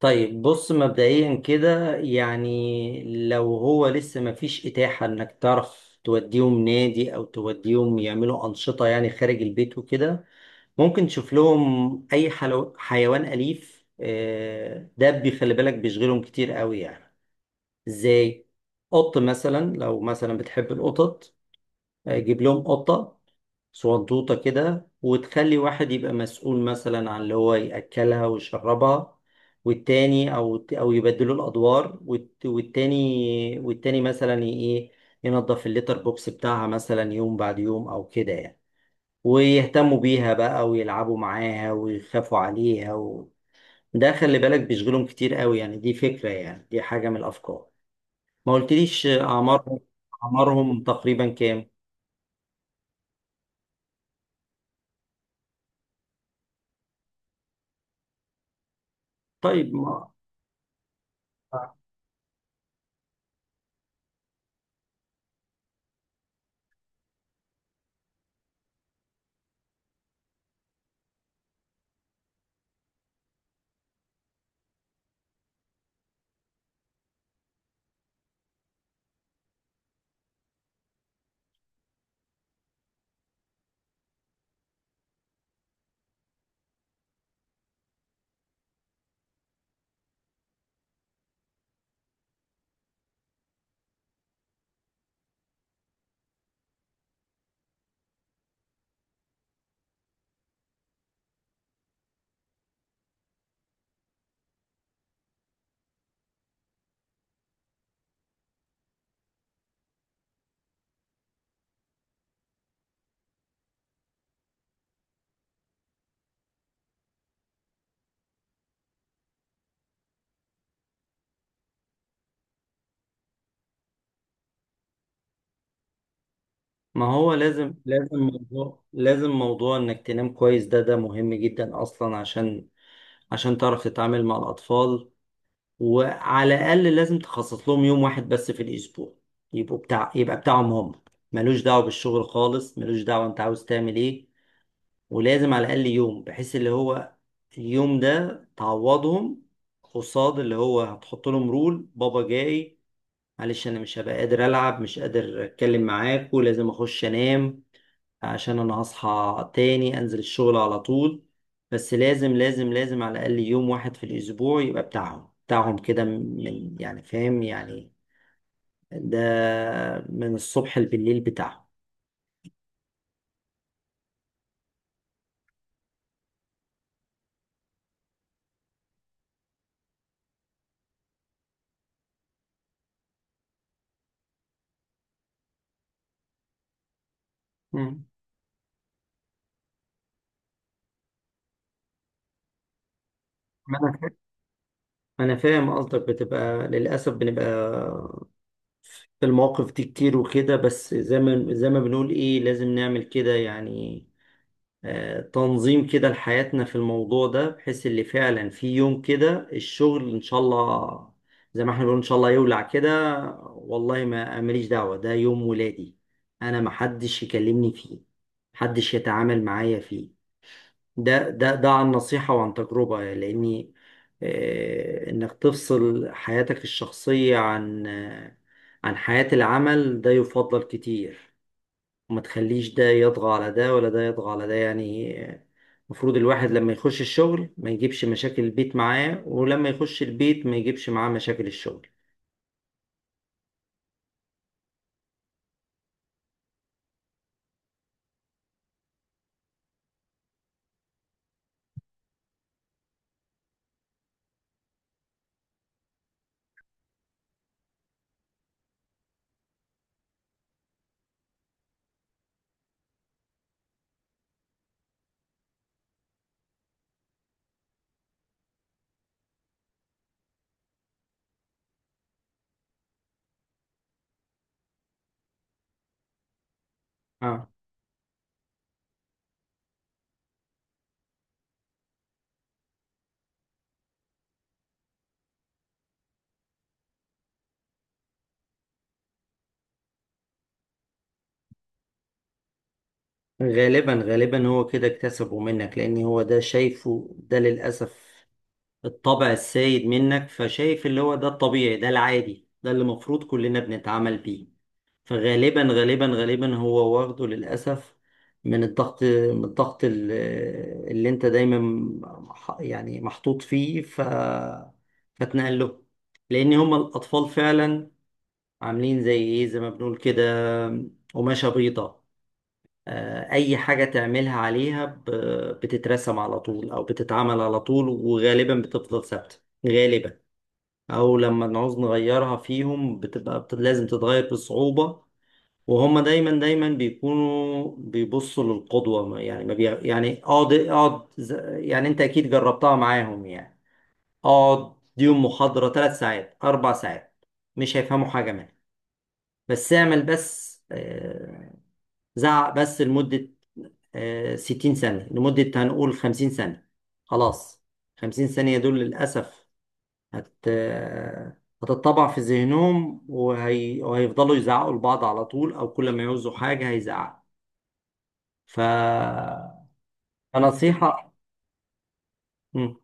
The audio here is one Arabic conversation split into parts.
طيب، بص مبدئيا كده يعني لو هو لسه مفيش إتاحة إنك تعرف توديهم نادي أو توديهم يعملوا أنشطة يعني خارج البيت وكده، ممكن تشوف لهم حيوان أليف. دبي خلي بالك بيشغلهم كتير قوي يعني. إزاي؟ قط مثلا، لو مثلا بتحب القطط، جيب لهم قطة صندوطة كده، وتخلي واحد يبقى مسؤول مثلا عن اللي هو يأكلها ويشربها، والتاني أو يبدلوا الأدوار، والتاني مثلا إيه، ينظف الليتر بوكس بتاعها مثلا يوم بعد يوم أو كده يعني، ويهتموا بيها بقى، ويلعبوا معاها، ويخافوا عليها. ده خلي بالك بيشغلهم كتير قوي يعني، دي فكرة، يعني دي حاجة من الأفكار. ما قلتليش أعمارهم. أعمارهم تقريبا كام؟ طيب. ما هو لازم موضوع انك تنام كويس، ده مهم جدا اصلا، عشان تعرف تتعامل مع الاطفال. وعلى الاقل لازم تخصص لهم يوم واحد بس في الاسبوع، يبقوا بتاع يبقى بتاعهم هم، ملوش دعوه بالشغل خالص، ملوش دعوه انت عاوز تعمل ايه. ولازم على الاقل يوم، بحيث اللي هو اليوم ده تعوضهم، قصاد اللي هو هتحط لهم رول: بابا جاي، معلش انا مش هبقى قادر العب، مش قادر اتكلم معاك، ولازم اخش انام عشان انا هصحى تاني انزل الشغل على طول. بس لازم على الاقل يوم واحد في الاسبوع يبقى بتاعهم كده، من يعني، فاهم يعني؟ ده من الصبح بالليل بتاعهم. مم. منك، انا فاهم قصدك. بتبقى للاسف بنبقى في المواقف دي كتير وكده، بس زي ما بنقول ايه، لازم نعمل كده يعني. تنظيم كده لحياتنا في الموضوع ده، بحيث اللي فعلا في يوم كده الشغل ان شاء الله، زي ما احنا بنقول ان شاء الله يولع كده، والله ما ماليش دعوة، ده يوم ولادي، انا محدش يكلمني فيه، محدش يتعامل معايا فيه. ده عن نصيحة وعن تجربة، لاني انك تفصل حياتك الشخصية عن عن حياة العمل، ده يفضل كتير، وما تخليش ده يطغى على ده، ولا ده يطغى على ده يعني. المفروض الواحد لما يخش الشغل ما يجيبش مشاكل البيت معاه، ولما يخش البيت ما يجيبش معاه مشاكل الشغل. اه. غالبا غالبا هو كده اكتسبه منك، لان هو ده شايفه ده للأسف الطبع السائد منك، فشايف اللي هو ده الطبيعي، ده العادي، ده اللي المفروض كلنا بنتعامل بيه. فغالبا غالبا غالبا هو واخده للأسف من الضغط، اللي انت دايما يعني محطوط فيه، فتنقل له، لأن هما الأطفال فعلا عاملين زي ايه، زي ما بنقول كده، قماشة بيضة. أي حاجة تعملها عليها بتترسم على طول، أو بتتعمل على طول، وغالبا بتفضل ثابتة، غالبا، أو لما نعوز نغيرها فيهم لازم تتغير بصعوبة. وهم دايما دايما بيكونوا بيبصوا للقدوة. يعني ما بي... يعني اقعد اقعد يعني انت اكيد جربتها معاهم يعني. اقعد ديهم محاضرة 3 ساعات، 4 ساعات، مش هيفهموا حاجة منها. بس اعمل بس زعق بس لمدة 60 ثانية، لمدة هنقول 50 ثانية، خلاص. 50 ثانية دول للأسف هت... آه، هتتطبع في ذهنهم، وهيفضلوا يزعقوا لبعض على طول، أو كل ما يعوزوا حاجة هيزعقوا، ف فنصيحة. مم.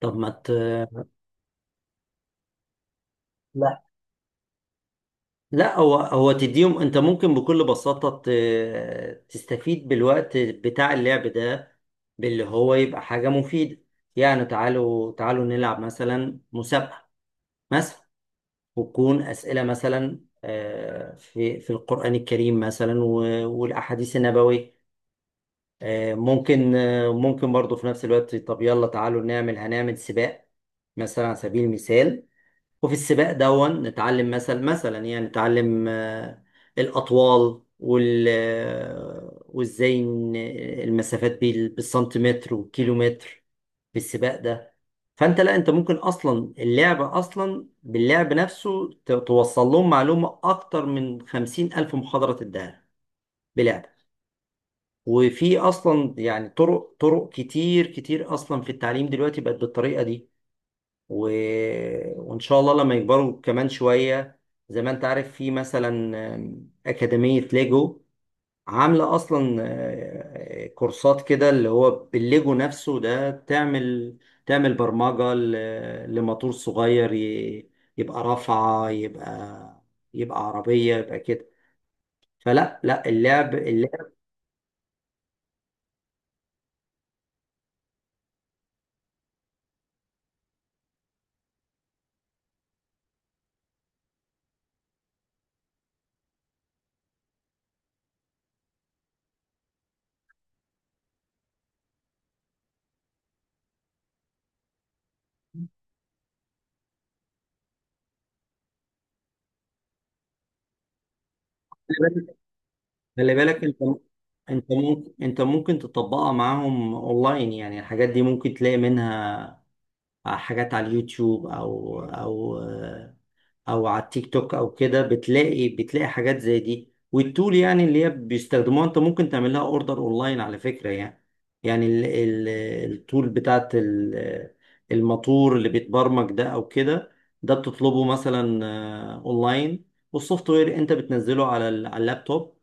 طب ما ت... لا لا، هو تديهم. انت ممكن بكل بساطة تستفيد بالوقت بتاع اللعب ده، باللي هو يبقى حاجة مفيدة. يعني تعالوا تعالوا نلعب مثلا مسابقة، مثلا، وتكون أسئلة مثلا، في القرآن الكريم مثلا، والأحاديث النبوية. ممكن ممكن برضو في نفس الوقت، طب يلا تعالوا هنعمل سباق مثلا، على سبيل المثال. وفي السباق دون نتعلم مثلا، مثلا يعني نتعلم الأطوال، وال آه، وازاي المسافات بالسنتيمتر والكيلومتر، في السباق ده. فانت، لا، انت ممكن اصلا اللعب، اصلا باللعب نفسه توصل لهم معلومة اكتر من 50,000 محاضرة تديها بلعب. وفي اصلا يعني طرق، طرق كتير كتير اصلا في التعليم دلوقتي، بقت بالطريقة دي. و... وإن شاء الله لما يكبروا كمان شوية، زي ما أنت عارف في مثلا أكاديمية ليجو، عاملة أصلا كورسات كده، اللي هو بالليجو نفسه ده تعمل برمجة لموتور صغير يبقى رافعة، يبقى، يبقى عربية، يبقى كده. فلا لا، اللعب اللعب. خلي بالك انت. انت ممكن تطبقها معاهم اونلاين، يعني الحاجات دي ممكن تلاقي منها حاجات على اليوتيوب، او او او على التيك توك او كده. بتلاقي حاجات زي دي، والتول يعني اللي هي بيستخدموها انت ممكن تعمل لها اوردر اونلاين على فكرة يعني. يعني ال ال التول بتاعت الموتور اللي بيتبرمج ده او كده، ده بتطلبه مثلا اونلاين. والسوفت وير انت بتنزله على على اللابتوب.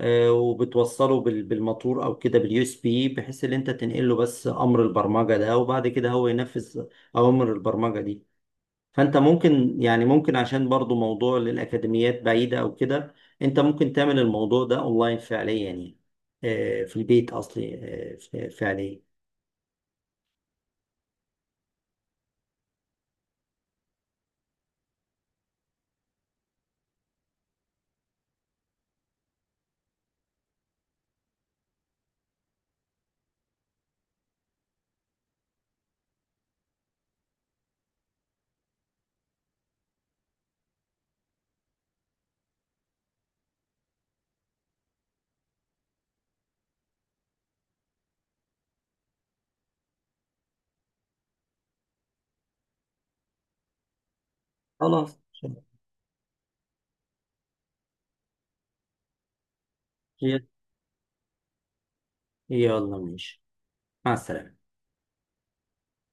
وبتوصله بالموتور او كده باليو اس بي، بحيث ان انت تنقل له بس امر البرمجة ده، وبعد كده هو ينفذ اوامر البرمجة دي. فانت ممكن، يعني ممكن عشان برضو موضوع للاكاديميات بعيده او كده، انت ممكن تعمل الموضوع ده اونلاين فعليا يعني. في البيت اصلي، فعليا. خلاص. يلا ماشي. مع السلامه.